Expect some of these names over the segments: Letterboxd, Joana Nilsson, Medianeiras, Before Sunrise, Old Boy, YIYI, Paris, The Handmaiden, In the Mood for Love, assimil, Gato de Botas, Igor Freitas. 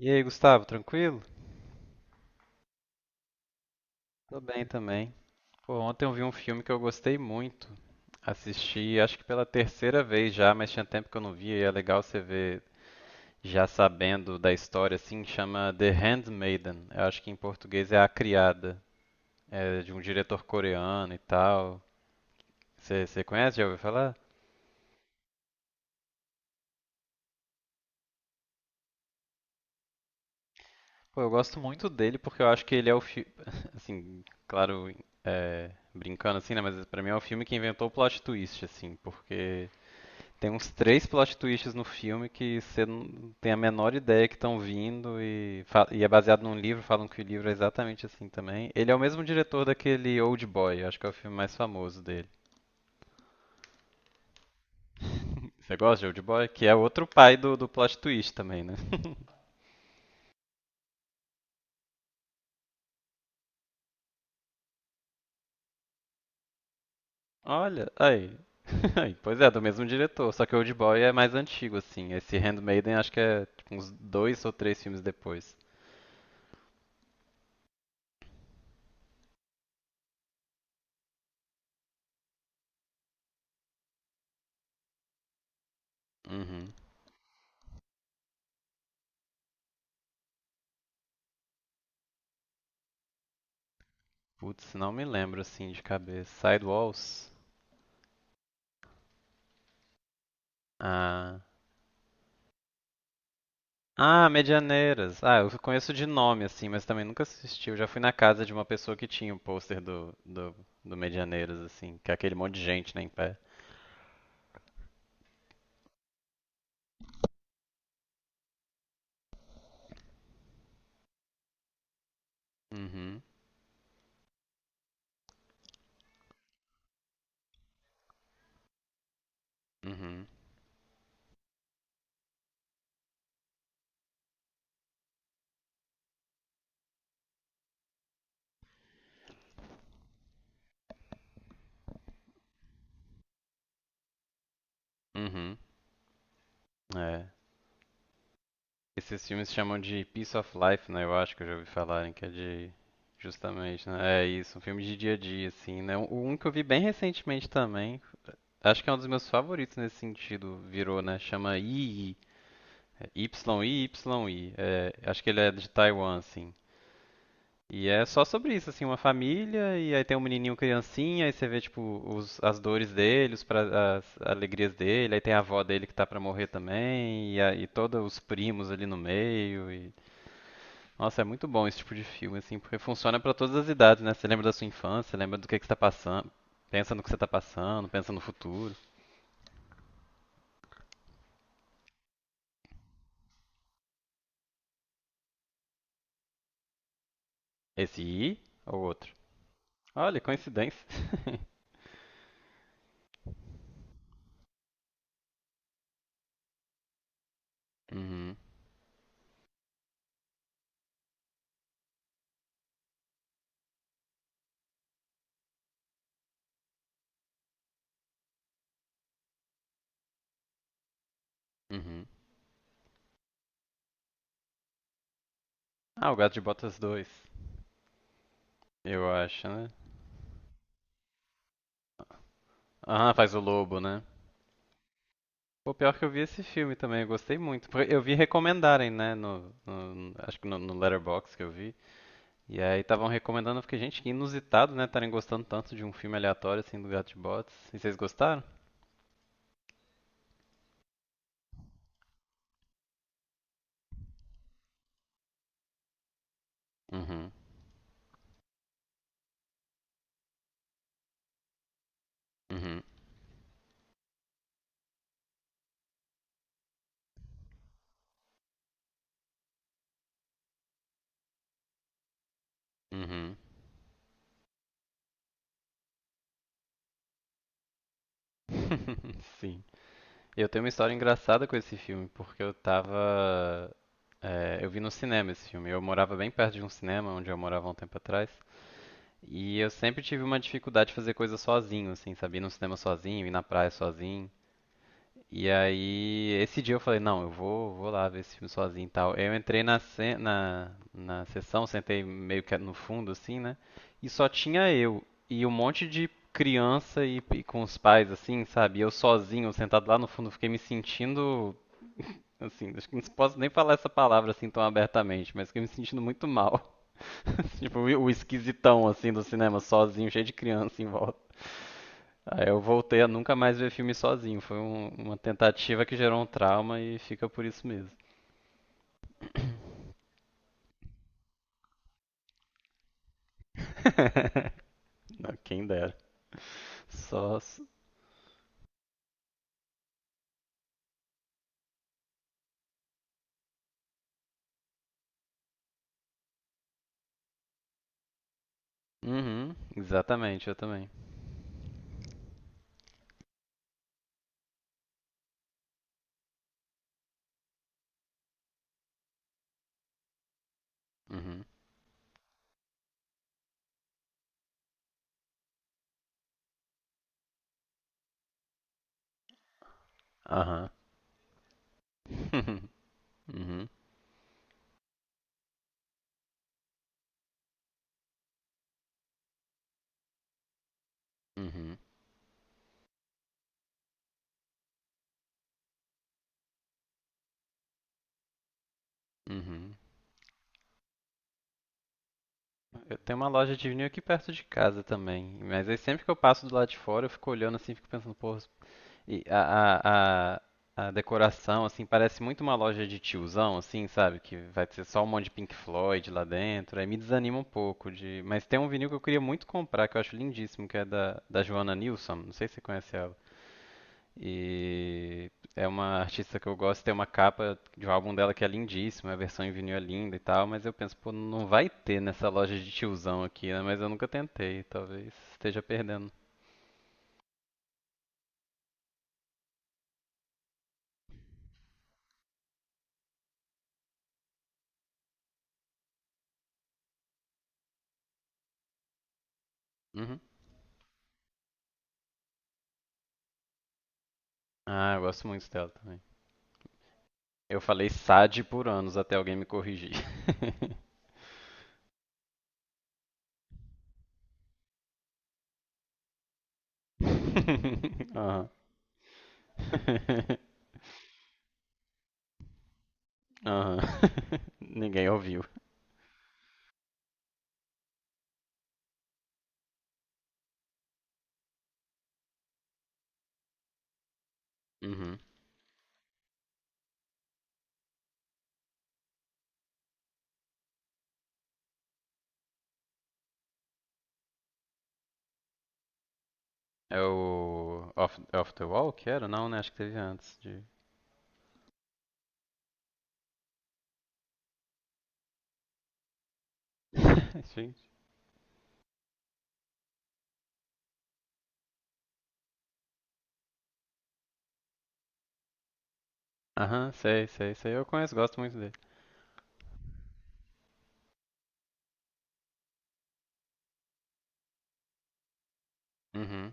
E aí, Gustavo, tranquilo? Tô bem também. Pô, ontem eu vi um filme que eu gostei muito. Assisti, acho que pela terceira vez já, mas tinha tempo que eu não via e é legal você ver já sabendo da história, assim, chama The Handmaiden. Eu acho que em português é A Criada. É de um diretor coreano e tal. Você conhece? Já ouviu falar? Pô, eu gosto muito dele porque eu acho que ele é o filme. Assim, claro, é, brincando assim, né? Mas pra mim é o filme que inventou o plot twist, assim, porque. Tem uns três plot twists no filme que você não tem a menor ideia que estão vindo e, e é baseado num livro, falam que o livro é exatamente assim também. Ele é o mesmo diretor daquele Old Boy, acho que é o filme mais famoso dele. Você gosta de Old Boy? Que é outro pai do plot twist também, né? Olha, aí. Aí, pois é, do mesmo diretor, só que Old Boy é mais antigo, assim. Esse Handmaiden acho que é tipo, uns dois ou três filmes depois. Uhum. Putz, não me lembro assim de cabeça. Sidewalls? Ah. Ah, Medianeiras. Ah, eu conheço de nome, assim, mas também nunca assisti. Eu já fui na casa de uma pessoa que tinha o pôster do Medianeiras, assim, que é aquele monte de gente, né, em pé. Uhum, uhum, uhum. É. Esses filmes chamam de Piece of Life, né? Eu acho que eu já ouvi falarem que é de. Justamente, né? É isso, um filme de dia a dia, assim, né? O um que eu vi bem recentemente também. Acho que é um dos meus favoritos nesse sentido, virou, né? Chama Y I é YIYI. É, acho que ele é de Taiwan, assim. E é só sobre isso, assim, uma família, e aí tem um menininho criancinha, aí você vê, tipo, as dores dele, as alegrias dele, aí tem a avó dele que tá pra morrer também, e aí todos os primos ali no meio, e... Nossa, é muito bom esse tipo de filme, assim, porque funciona pra todas as idades, né? Você lembra da sua infância, você lembra do que você tá passando, pensa no que você tá passando, pensa no futuro. Esse I ou outro? Olha, coincidência. Uhum, uhum. Ah, o Gato de Botas 2, eu acho, né? Ah, faz o lobo, né? O pior que eu vi esse filme também, eu gostei muito. Porque eu vi recomendarem, né, acho que no Letterboxd que eu vi. E aí estavam recomendando, eu fiquei, gente, que inusitado, né, estarem gostando tanto de um filme aleatório assim do Gato de Botas. E vocês gostaram? Uhum, uhum, uhum. Sim. Eu tenho uma história engraçada com esse filme, porque eu tava. Eu vi no cinema esse filme. Eu morava bem perto de um cinema, onde eu morava há um tempo atrás. E eu sempre tive uma dificuldade de fazer coisa sozinho, assim, sabe? Ir no cinema sozinho, ir na praia sozinho. E aí, esse dia eu falei, não, vou lá ver esse filme sozinho e tal. Eu entrei na sessão, sentei meio que no fundo, assim, né? E só tinha eu e um monte de criança e com os pais, assim, sabe? E eu sozinho, sentado lá no fundo, fiquei me sentindo, assim, acho que não posso nem falar essa palavra assim tão abertamente, mas fiquei me sentindo muito mal. Tipo, o esquisitão, assim, do cinema, sozinho, cheio de criança em volta. Aí eu voltei a nunca mais ver filme sozinho. Foi uma tentativa que gerou um trauma e fica por isso mesmo. Quem dera. Só. s- Uhum, exatamente, eu também. Uhum. Aham. Uhum, uhum, uhum. Eu tenho uma loja de vinil aqui perto de casa também. Mas aí sempre que eu passo do lado de fora, eu fico olhando assim, fico pensando, pô, e a decoração, assim, parece muito uma loja de tiozão, assim, sabe? Que vai ter só um monte de Pink Floyd lá dentro. Aí me desanima um pouco de. Mas tem um vinil que eu queria muito comprar, que eu acho lindíssimo, que é da Joana Nilsson. Não sei se você conhece ela. E é uma artista que eu gosto, tem uma capa de um álbum dela que é lindíssima, a versão em vinil é linda e tal, mas eu penso, pô, não vai ter nessa loja de tiozão aqui, né? Mas eu nunca tentei, talvez esteja perdendo. Uhum. Ah, eu gosto muito dela também. Eu falei SAD por anos até alguém me corrigir. Aham. Aham. Ninguém ouviu. Uhum. É o Off the Wall que era? Não, né? Acho que teve antes de. Gente. Aham, sei, sei, sei. Eu conheço, gosto muito dele. Uhum,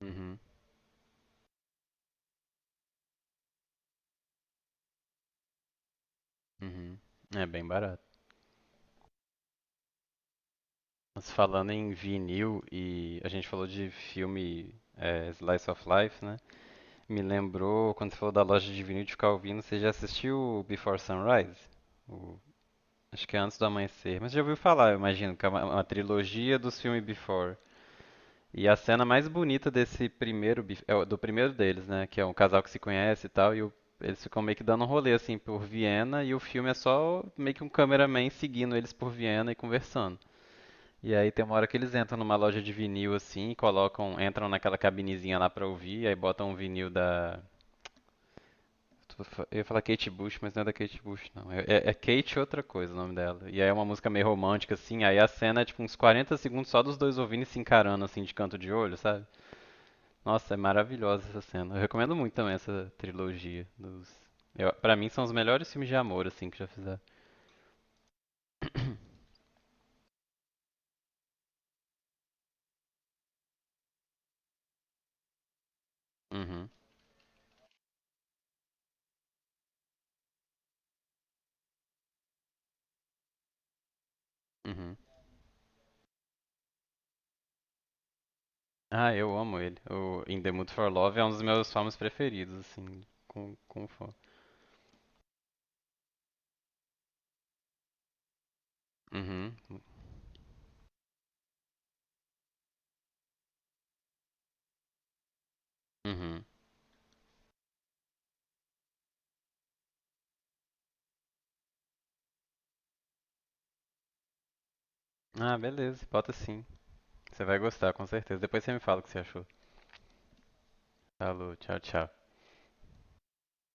uhum, uhum. É bem barato. Mas falando em vinil e a gente falou de filme é, Slice of Life, né? Me lembrou, quando você falou da loja de vinil de ficar ouvindo, você já assistiu o Before Sunrise? O- Acho que é Antes do Amanhecer. Mas já ouviu falar, eu imagino, que é uma trilogia dos filmes Before. E a cena mais bonita desse primeiro, do primeiro deles, né? Que é um casal que se conhece e tal, eles ficam meio que dando um rolê, assim, por Viena, e o filme é só meio que um cameraman seguindo eles por Viena e conversando. E aí tem uma hora que eles entram numa loja de vinil, assim, e colocam, entram naquela cabinezinha lá pra ouvir, aí botam um vinil da... Eu ia falar Kate Bush, mas não é da Kate Bush, não. É Kate outra coisa o nome dela. E aí é uma música meio romântica, assim. Aí a cena é tipo uns 40 segundos só dos dois ouvindo e se encarando, assim, de canto de olho, sabe? Nossa, é maravilhosa essa cena. Eu recomendo muito também essa trilogia dos. Eu, pra mim são os melhores filmes de amor, assim, que já fizeram. Uhum, uhum. Ah, eu amo ele. O In the Mood for Love é um dos meus filmes preferidos, assim, com fã. Uhum, uhum. Ah, beleza, bota sim. Você vai gostar, com certeza. Depois você me fala o que você achou. Alô, tchau, tchau.